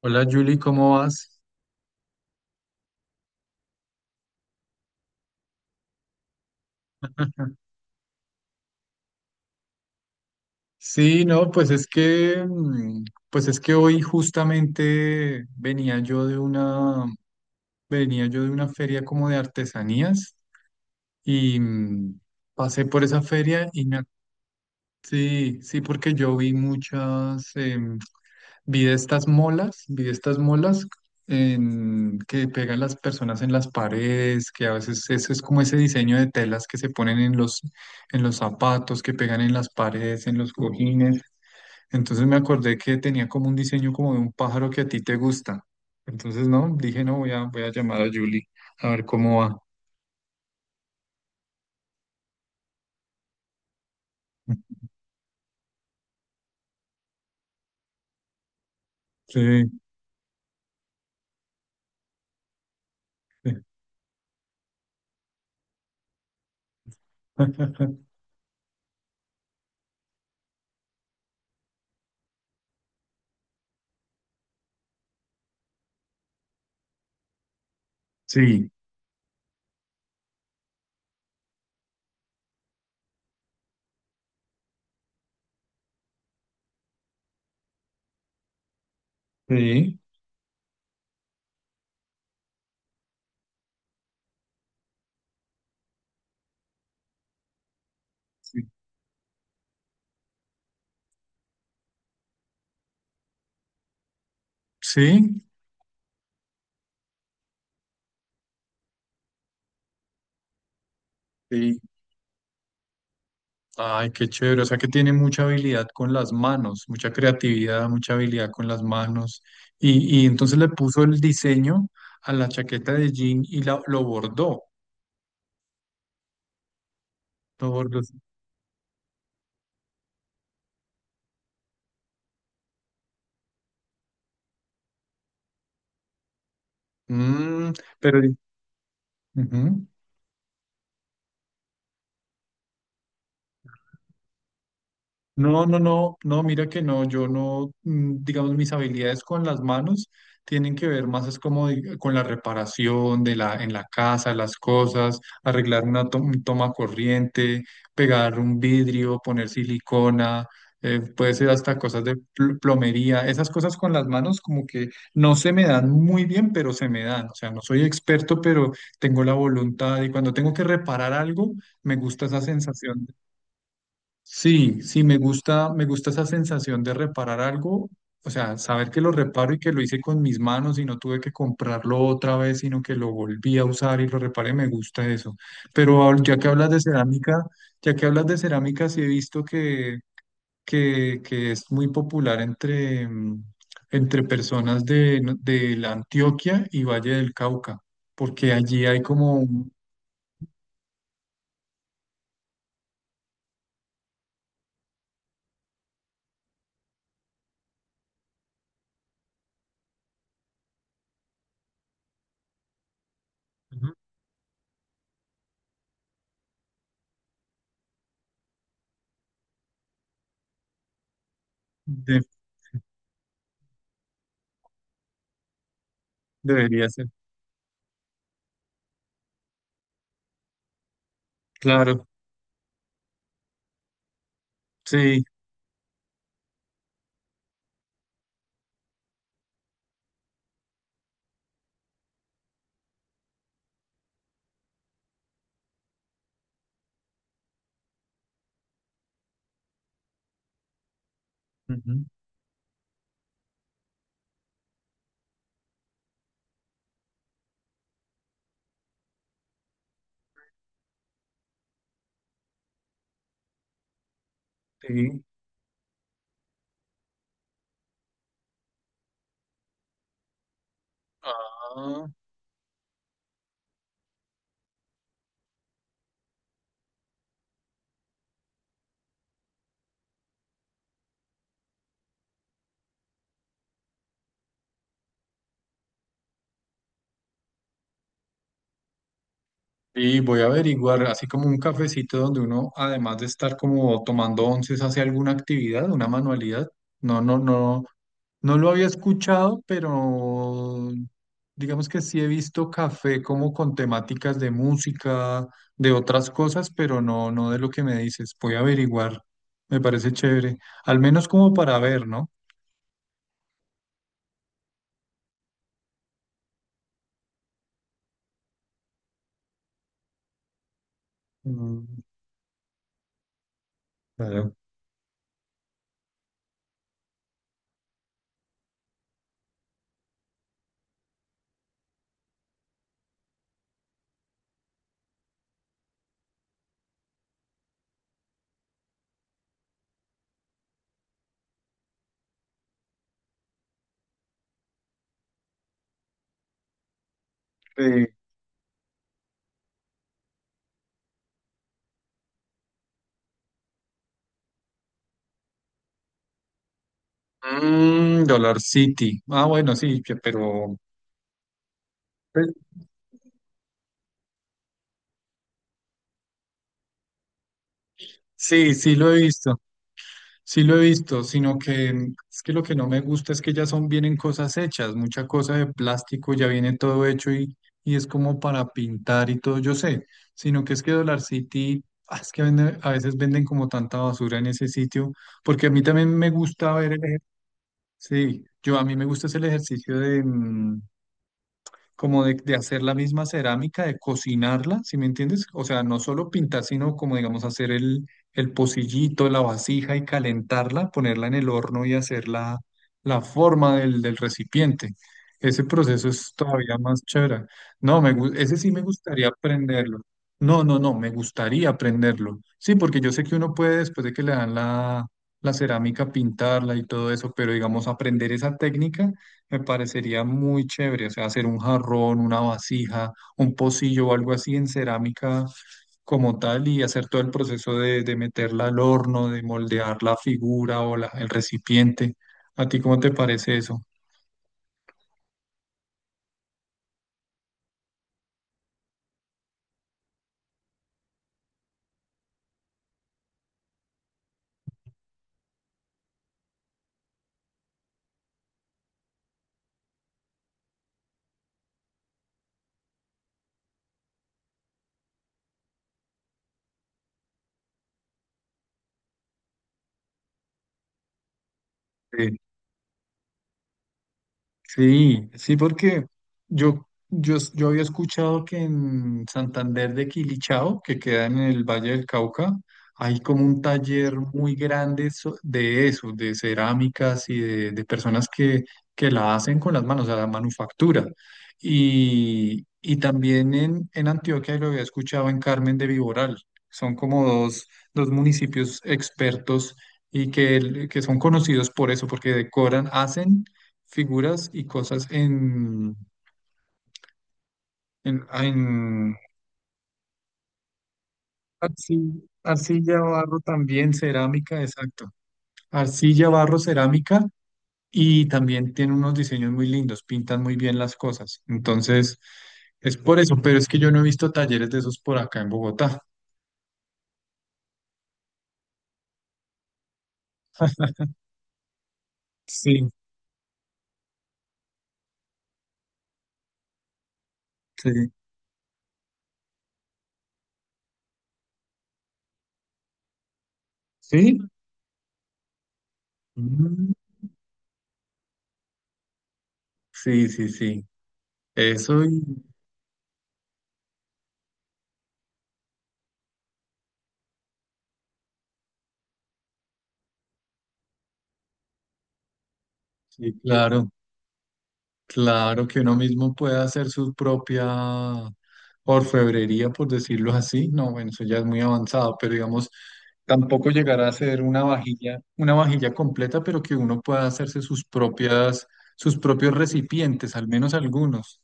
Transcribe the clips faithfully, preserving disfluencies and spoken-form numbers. Hola Julie, ¿cómo vas? Sí, no, pues es que, mm, pues es que hoy justamente venía yo de una, venía yo de una feria como de artesanías y mm, pasé por esa feria y me ac- sí, sí, porque yo vi muchas, em, vi de estas molas, vi de estas molas en- que pegan las personas en las paredes, que a veces eso es como ese diseño de telas que se ponen en los, en los zapatos, que pegan en las paredes, en los cojines. Entonces me acordé que tenía como un diseño como de un pájaro que a ti te gusta. Entonces, no, dije, no, voy a, voy a llamar a Julie a ver cómo va. Sí, sí, sí, sí, sí, sí. Ay, qué chévere. O sea que tiene mucha habilidad con las manos, mucha creatividad, mucha habilidad con las manos. Y, y entonces le puso el diseño a la chaqueta de jean y la- lo bordó. Lo bordó. Mm, pero, ujú. No, no, no, no, mira que no, yo no, mm, digamos, mis habilidades con las manos tienen que ver más es como di- con la reparación de la, en la casa, las cosas, arreglar una to- un toma corriente, pegar un vidrio, poner silicona, eh, puede ser hasta cosas de pl- plomería, esas cosas con las manos como que no se me dan muy bien, pero se me dan, o sea, no soy experto, pero tengo la voluntad y cuando tengo que reparar algo, me gusta esa sensación. Sí, sí, me gusta, me gusta esa sensación de reparar algo, o sea, saber que lo reparo y que lo hice con mis manos y no tuve que comprarlo otra vez, sino que lo volví a usar y lo reparé, me gusta eso. Pero ahor- ya que hablas de cerámica, ya que hablas de cerámica, sí he visto que, que, que es muy popular entre, mm, entre personas de, no- de la Antioquia y Valle del Cauca, porque allí hay como, un- de- debería ser, claro, sí. Ujú. Sí. Ah, y voy a averiguar, así como un cafecito donde uno, además de estar como tomando onces, hace alguna actividad, una manualidad. No, no, no, no lo había escuchado, pero digamos que sí he visto café como con temáticas de música, de otras cosas, pero no, no de lo que me dices. Voy a averiguar, me parece chévere, al menos como para ver, ¿no? Mm, claro. Sí. Mm, Dollar City. Ah, bueno, sí, que- pero... pues, sí, sí lo he visto, sí lo he visto, sino que mm, es que lo que no me gusta es que ya son, vienen cosas hechas, mucha cosa de plástico, ya viene todo hecho y, y es como para pintar y todo, yo sé, sino que es que Dollar City, ah, es que vende- a veces venden como tanta basura en ese sitio, porque a mí también me gusta ver el, ejer- sí, yo a mí me gusta es el ejercicio de, mm, como de, de hacer la misma cerámica, de cocinarla, ¿sí me entiendes? O sea, no solo pintar, sino como, digamos, hacer el, el pocillito, la vasija y calentarla, ponerla en el horno y hacer la, la forma del, del recipiente. Ese proceso es todavía más chévere. No, me, gu- ese sí me gustaría aprenderlo. No, no, no, me gustaría aprenderlo. Sí, porque yo sé que uno puede, después de que le dan la, la cerámica, pintarla y todo eso, pero digamos, aprender esa técnica. Me parecería muy chévere, o sea, hacer un jarrón, una vasija, un pocillo o algo así en cerámica como tal y hacer todo el proceso de, de meterla al horno, de moldear la figura o la- el recipiente. ¿A ti cómo te parece eso? Eh, Sí, sí, porque yo, yo, yo había escuchado que en Santander de Quilichao, que queda en el Valle del Cauca, hay como un taller muy grande so- de eso, de cerámicas y de, de personas que, que la hacen con las manos, o sea, la manufactura. Y, y también en, en Antioquia, y lo había escuchado en Carmen de Viboral, son como dos, dos municipios expertos y que, que son conocidos por eso, porque decoran, hacen figuras y cosas en, en, en arci- arcilla, barro también, cerámica, exacto. Arcilla, barro, cerámica y también tiene unos diseños muy lindos, pintan muy bien las cosas. Entonces, es por eso, pero es que yo no he visto talleres de esos por acá en Bogotá. Sí, sí. ¿Sí? Mm, sí, sí, sí. Eso y... sí, claro. Claro que uno mismo puede hacer su propia orfebrería, por decirlo así. No, bueno, eso ya es muy avanzado, pero digamos, tampoco llegar a ser una vajilla, una vajilla completa, pero que uno pueda hacerse sus propias, sus propios recipientes, al menos algunos.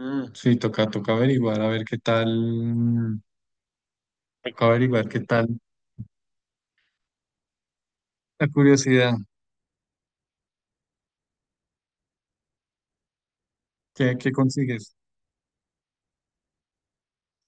Mm, sí, toca, toca averiguar, a ver qué tal, toca averiguar qué tal la curiosidad, qué, qué consigues.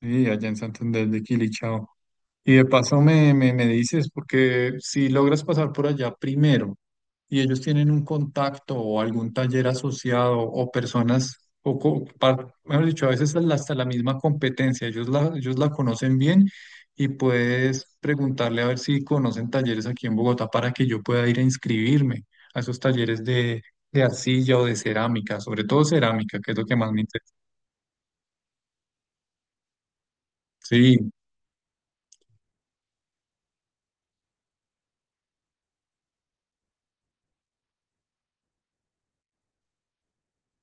Sí, allá en Santander de Quilichao. Y de paso me, me, me dices, porque si logras pasar por allá primero y ellos tienen un contacto o algún taller asociado o personas, o, co- par- mejor dicho, a veces hasta la hasta la misma competencia, ellos la, ellos la conocen bien y puedes preguntarle a ver si conocen talleres aquí en Bogotá para que yo pueda ir a inscribirme a esos talleres de, de arcilla o de cerámica, sobre todo cerámica, que es lo que más me interesa. Sí,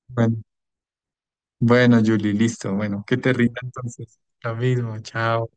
bueno, bueno, Julie, listo, bueno, que te rinda entonces. Lo mismo, chao.